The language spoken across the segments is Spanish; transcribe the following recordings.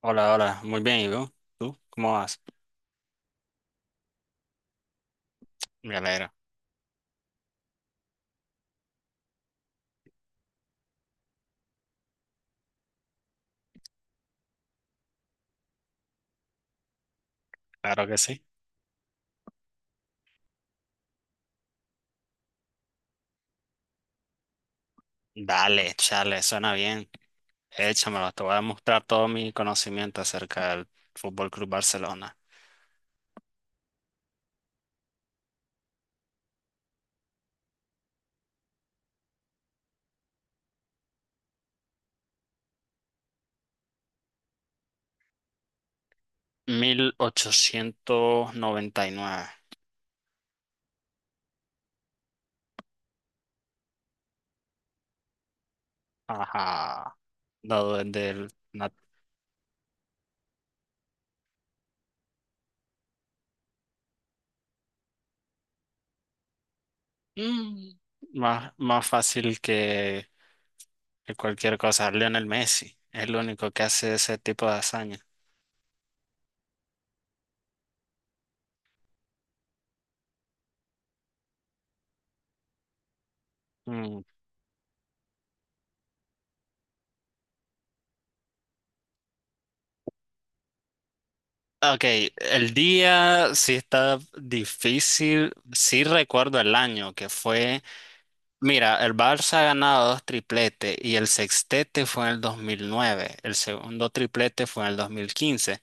Hola, hola, muy bien, ¿y tú? ¿Tú? ¿Cómo vas? Me alegro, claro que sí. Dale, chale, suena bien. Échamelo, te voy a mostrar todo mi conocimiento acerca del Fútbol Club Barcelona. 1899. Ajá, dado desde el. Mm. Más fácil que cualquier cosa. Lionel Messi es el único que hace ese tipo de hazaña. Mm, ok, el día sí está difícil, sí recuerdo el año que fue, mira, el Barça ha ganado dos tripletes y el sextete fue en el 2009, el segundo triplete fue en el 2015,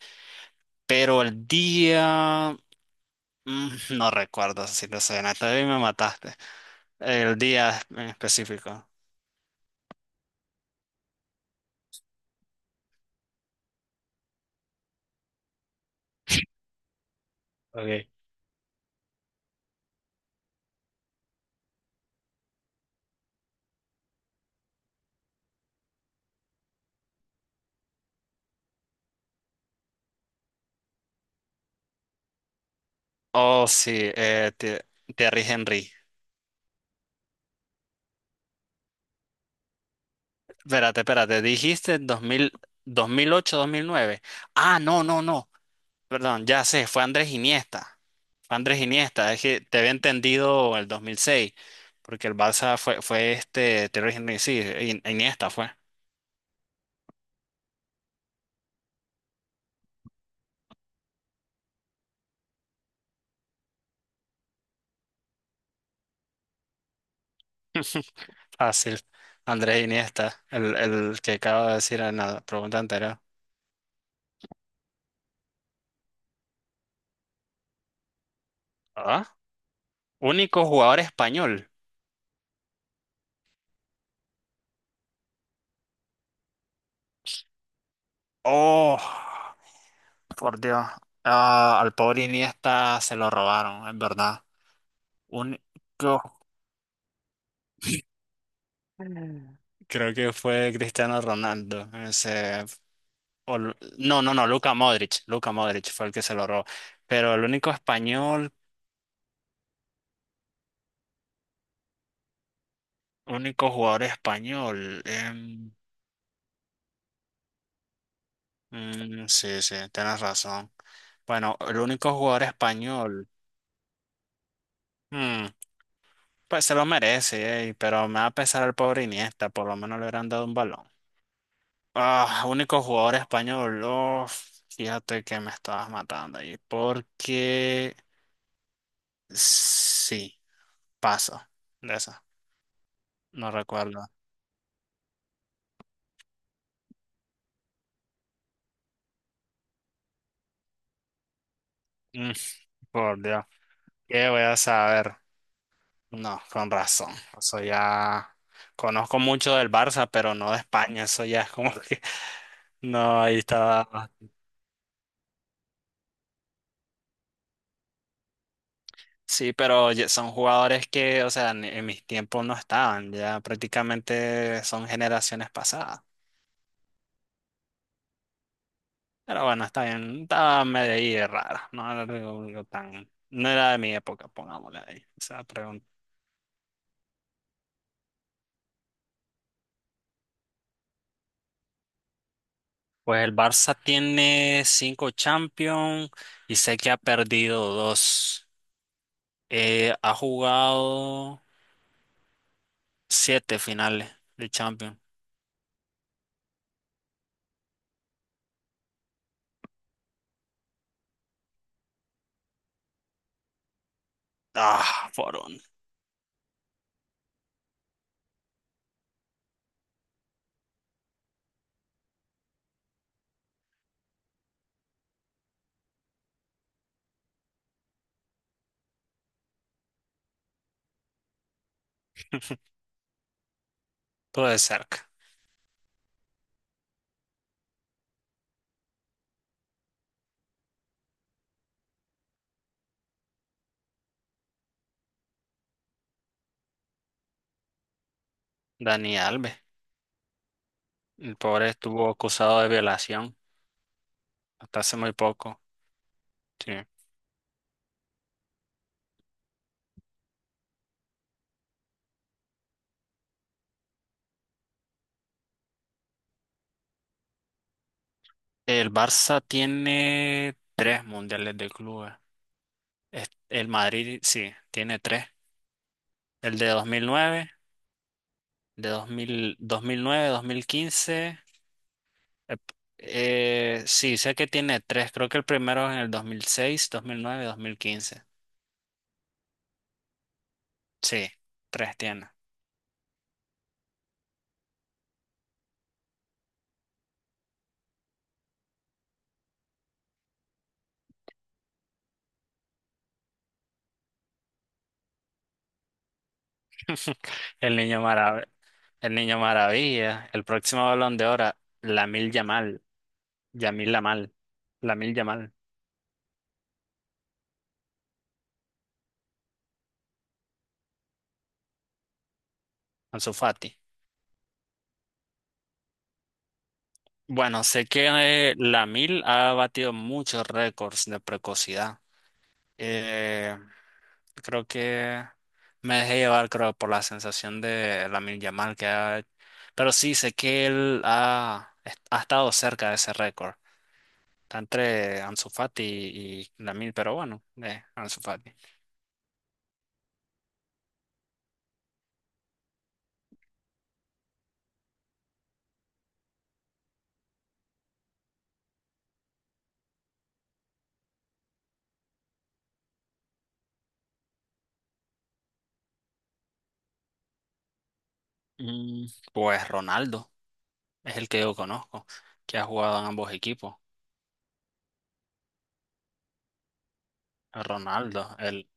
pero el día, mm, no recuerdo si lo sé, Natalia, me mataste, el día en específico. Okay. Oh, sí, Thierry Henry. Espérate, espérate, dijiste 2000, 2008, 2009. Ah, no, no, no. Perdón, ya sé, fue Andrés Iniesta. Fue Andrés Iniesta, es que te había entendido el 2006, porque el Barça fue Thierry Henry, sí, Iniesta fue. Fácil. Andrés Iniesta, el que acabo de decir en la pregunta anterior. ¿Ah? Único jugador español. Oh, por Dios. Ah, al pobre Iniesta se lo robaron, es verdad. Único. Mm. Creo que fue Cristiano Ronaldo, ese o no, no, no, Luka Modric, Luka Modric fue el que se lo robó. Pero el único español, único jugador español. Mm, sí, sí, tienes razón. Bueno, el único jugador español, mm, pues se lo merece, ey, pero me va a pesar al pobre Iniesta, por lo menos le hubieran dado un balón. Ah, único jugador español, uf, fíjate que me estabas matando ahí, porque sí, paso de esa, no recuerdo. Mm, por Dios. ¿Qué voy a saber? No, con razón. Eso ya conozco mucho del Barça, pero no de España. Eso ya es como que no, ahí estaba. Sí, pero ya son jugadores que, o sea, en mis tiempos no estaban. Ya prácticamente son generaciones pasadas. Pero bueno, está bien. Estaba medio ahí rara. No era algo tan. No era de mi época, pongámosle ahí. Esa pregunta. Pues el Barça tiene cinco Champions y sé que ha perdido dos. Ha jugado siete finales de Champions. Ah, por un. Todo de cerca. Dani Alves. El pobre estuvo acusado de violación hasta hace muy poco. Sí. El Barça tiene tres mundiales de clubes. El Madrid, sí, tiene tres. El de 2009, de 2000, 2009, 2015. Eh, sí, sé que tiene tres. Creo que el primero es en el dos mil seis, dos mil nueve, dos mil quince. Sí, tres tiene. El niño marav- el niño maravilla, el próximo Balón de Oro, Lamil Yamal, Yamil Lamal, Lamil Yamal, Ansu Fati. Bueno, sé que Lamil ha batido muchos récords de precocidad. Eh, Creo que me dejé llevar, creo, por la sensación de Lamil Yamal que ha. Pero sí, sé que él ha estado cerca de ese récord. Está entre Ansu Fati y Lamil, pero bueno, Ansu Fati. Mm, Pues Ronaldo es el que yo conozco, que ha jugado en ambos equipos. Ronaldo, el,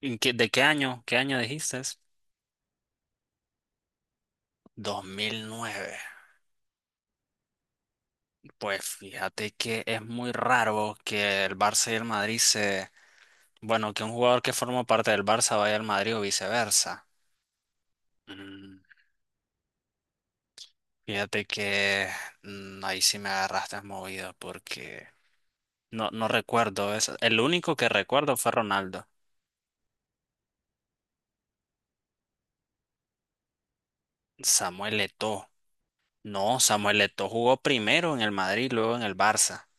¿en qué- ¿de qué año? ¿Qué año dijiste? 2009. Pues fíjate que es muy raro que el Barça y el Madrid se. Bueno, que un jugador que forma parte del Barça vaya al Madrid o viceversa. Mm, Fíjate que ahí sí me agarraste movido porque no, no recuerdo eso. El único que recuerdo fue Ronaldo. Samuel Eto'o. No, Samuel Eto'o jugó primero en el Madrid, luego en el Barça.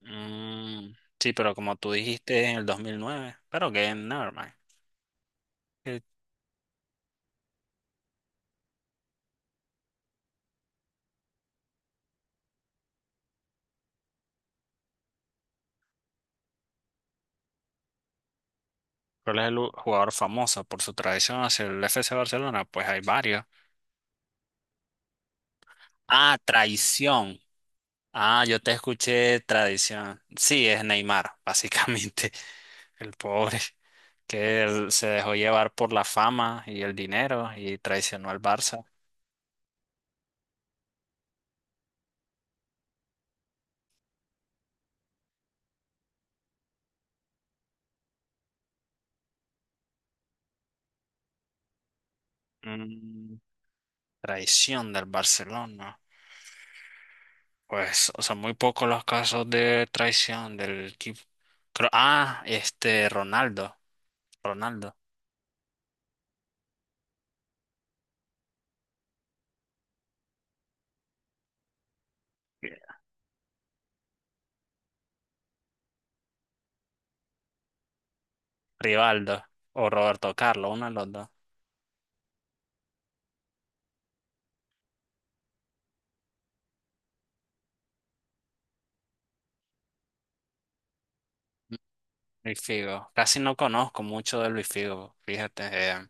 Mm, sí, pero como tú dijiste en el 2009, pero que never mind. Eh, ¿Cuál es el jugador famoso por su traición hacia el FC Barcelona? Pues hay varios. Ah, traición. Ah, yo te escuché tradición. Sí, es Neymar, básicamente. El pobre que él se dejó llevar por la fama y el dinero y traicionó al Barça. Mm, traición del Barcelona. Pues, o sea, muy pocos los casos de traición del equipo. Ah, Ronaldo, Ronaldo, Rivaldo o Roberto Carlos, uno de los dos. Luis Figo. Casi no conozco mucho de Luis Figo, fíjate.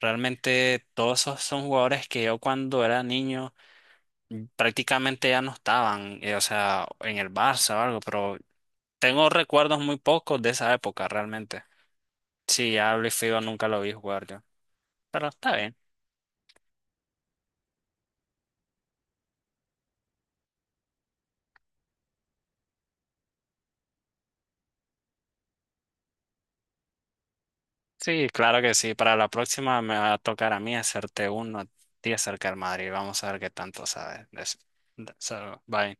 Realmente todos esos son jugadores que yo cuando era niño prácticamente ya no estaban, o sea, en el Barça o algo, pero tengo recuerdos muy pocos de esa época realmente. Sí, ya Luis Figo nunca lo vi jugar yo. Pero está bien. Sí, claro que sí. Para la próxima me va a tocar a mí hacerte uno a ti acerca del Madrid. Vamos a ver qué tanto sabes de eso. So, bye.